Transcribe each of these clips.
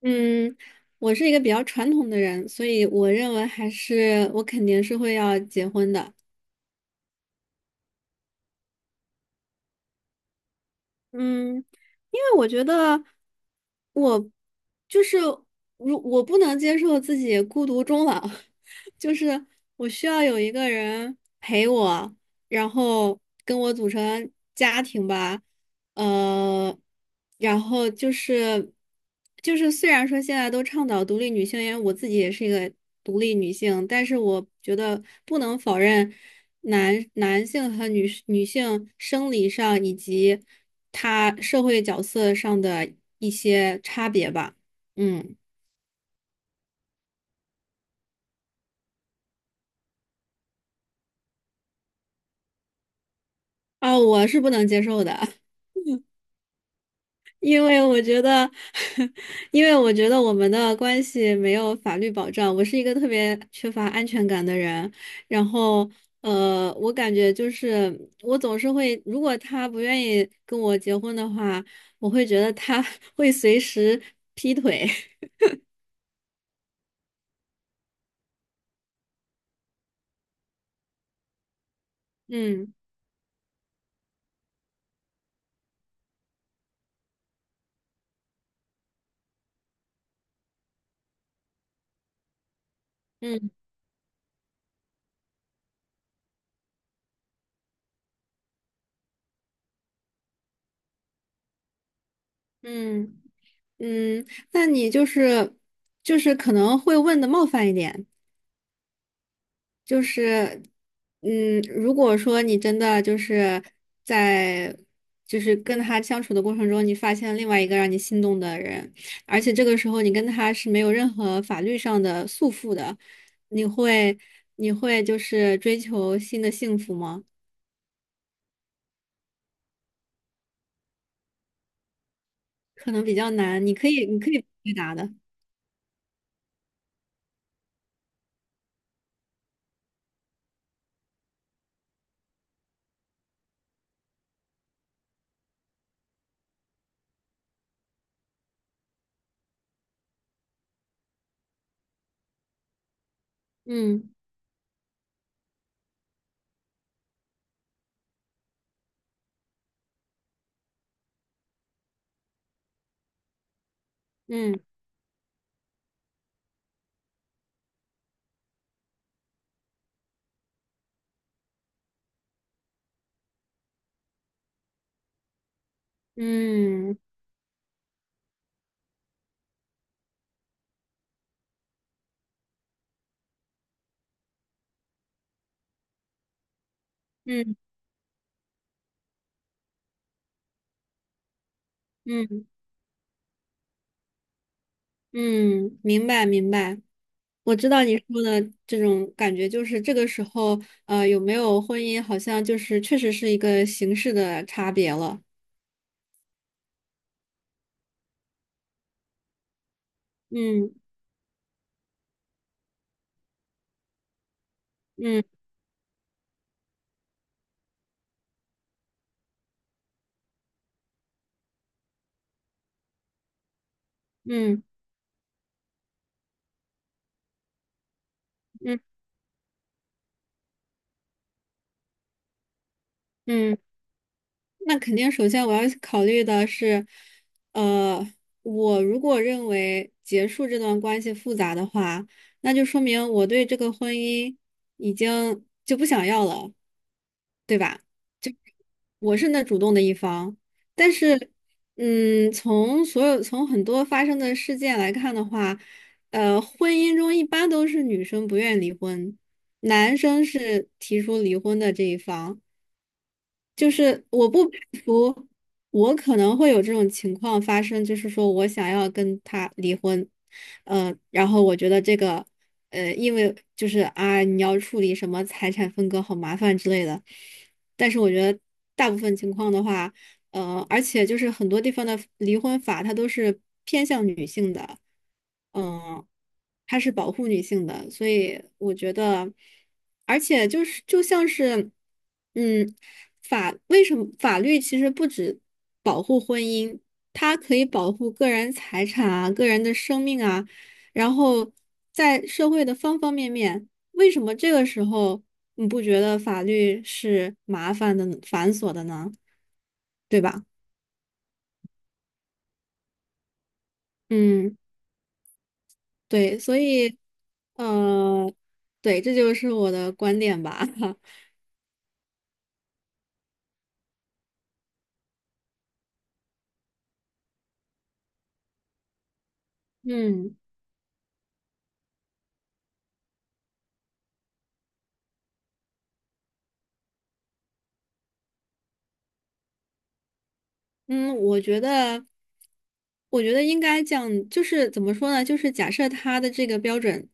嗯，我是一个比较传统的人，所以我认为还是我肯定是会要结婚的。嗯，因为我觉得我就是如我不能接受自己孤独终老，就是我需要有一个人陪我，然后跟我组成家庭吧，呃，然后虽然说现在都倡导独立女性，因为我自己也是一个独立女性，但是我觉得不能否认男性和女性生理上以及他社会角色上的一些差别吧。嗯，啊，我是不能接受的，因为我觉得，因为我觉得我们的关系没有法律保障，我是一个特别缺乏安全感的人，然后。我感觉就是我总是会，如果他不愿意跟我结婚的话，我会觉得他 会随时劈腿。嗯嗯嗯。嗯，那你就是可能会问的冒犯一点，就是如果说你真的就是在就是跟他相处的过程中，你发现另外一个让你心动的人，而且这个时候你跟他是没有任何法律上的束缚的，你会你会就是追求新的幸福吗？可能比较难，你可以回答的，嗯嗯嗯嗯嗯，嗯明白明白。我知道你说的这种感觉，就是这个时候，有没有婚姻，好像就是确实是一个形式的差别了。嗯嗯嗯嗯嗯，那肯定，首先我要考虑的是，呃，我如果认为结束这段关系复杂的话，那就说明我对这个婚姻已经就不想要了，对吧？我是那主动的一方，但是，嗯，从所有从很多发生的事件来看的话，婚姻中一般都是女生不愿离婚，男生是提出离婚的这一方。就是我不排除我可能会有这种情况发生，就是说我想要跟他离婚，然后我觉得这个，因为就是啊，你要处理什么财产分割好麻烦之类的，但是我觉得大部分情况的话。而且就是很多地方的离婚法，它都是偏向女性的，嗯、它是保护女性的，所以我觉得，而且就是就像是，嗯，为什么法律其实不止保护婚姻，它可以保护个人财产啊、个人的生命啊，然后在社会的方方面面，为什么这个时候你不觉得法律是麻烦的、繁琐的呢？对吧？嗯，对，所以，呃，对，这就是我的观点吧。嗯。嗯，我觉得，我觉得应该这样，就是怎么说呢？就是假设他的这个标准，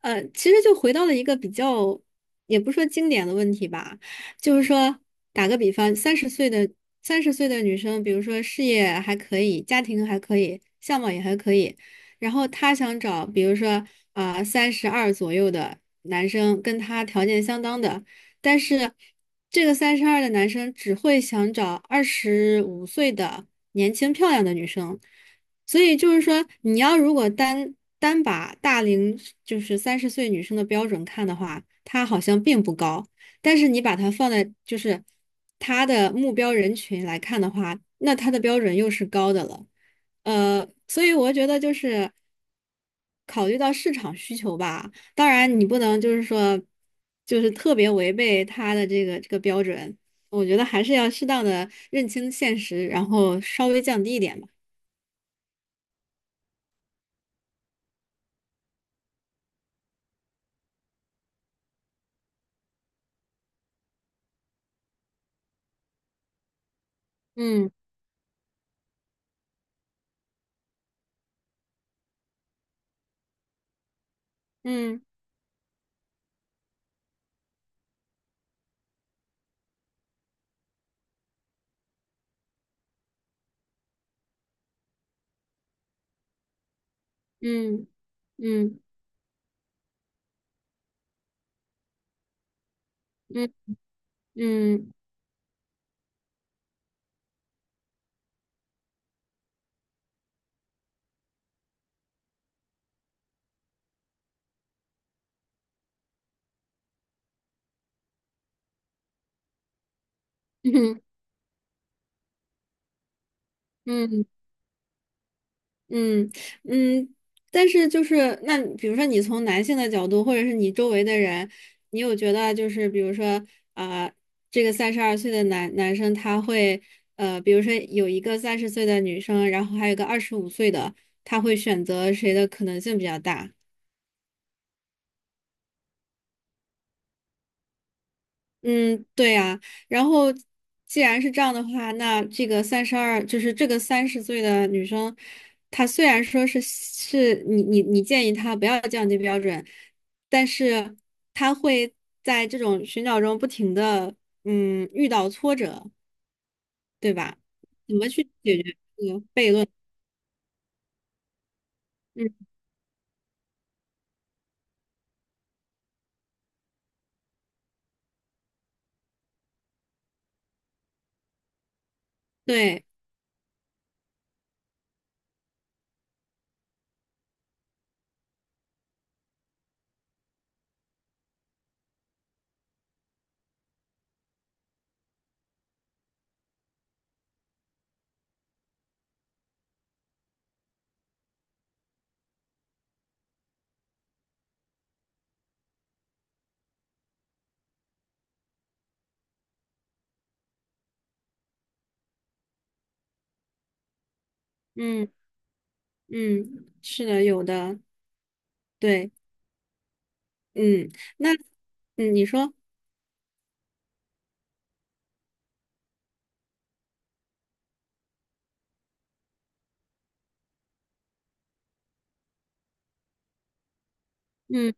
其实就回到了一个比较，也不是说经典的问题吧，就是说，打个比方，三十岁的女生，比如说事业还可以，家庭还可以，相貌也还可以，然后她想找，比如说啊，三十二左右的男生，跟她条件相当的。但是这个三十二的男生只会想找二十五岁的年轻漂亮的女生，所以就是说，你要如果单单把大龄就是三十岁女生的标准看的话，他好像并不高，但是你把它放在就是他的目标人群来看的话，那他的标准又是高的了。所以我觉得就是考虑到市场需求吧，当然，你不能就是说，就是特别违背他的这个标准。我觉得还是要适当的认清现实，然后稍微降低一点吧。嗯嗯嗯嗯嗯嗯嗯嗯。嗯嗯嗯，但是就是那，比如说你从男性的角度，或者是你周围的人，你有觉得就是比如说啊、这个32岁的男生他会比如说有一个三十岁的女生，然后还有一个二十五岁的，他会选择谁的可能性比较大？嗯，对呀，然后既然是这样的话，那这个三十二，就是这个三十岁的女生，她虽然说是你建议她不要降低标准，但是她会在这种寻找中不停的遇到挫折，对吧？怎么去解决这个悖论？嗯，对，嗯嗯，是的，有的，对，嗯，那嗯你说，嗯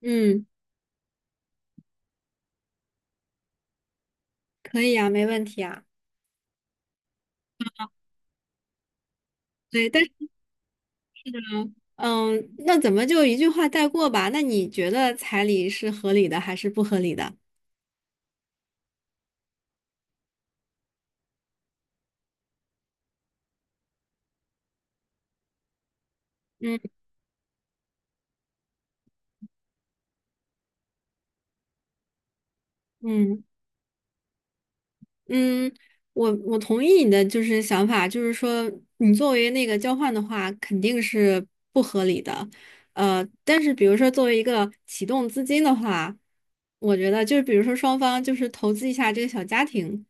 嗯，可以啊，没问题啊。对，但是。嗯，那怎么就一句话带过吧？那你觉得彩礼是合理的还是不合理的？嗯嗯嗯，我同意你的就是想法，就是说你作为那个交换的话，肯定是不合理的。但是比如说作为一个启动资金的话，我觉得就是比如说双方就是投资一下这个小家庭，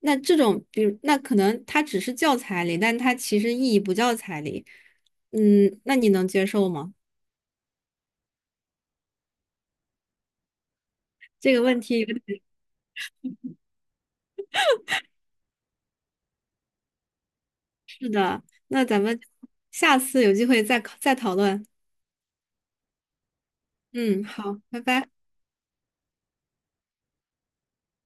那这种比如那可能它只是叫彩礼，但它其实意义不叫彩礼。嗯，那你能接受吗？这个问题有点，是的，那咱们下次有机会再讨论。嗯，好，拜拜。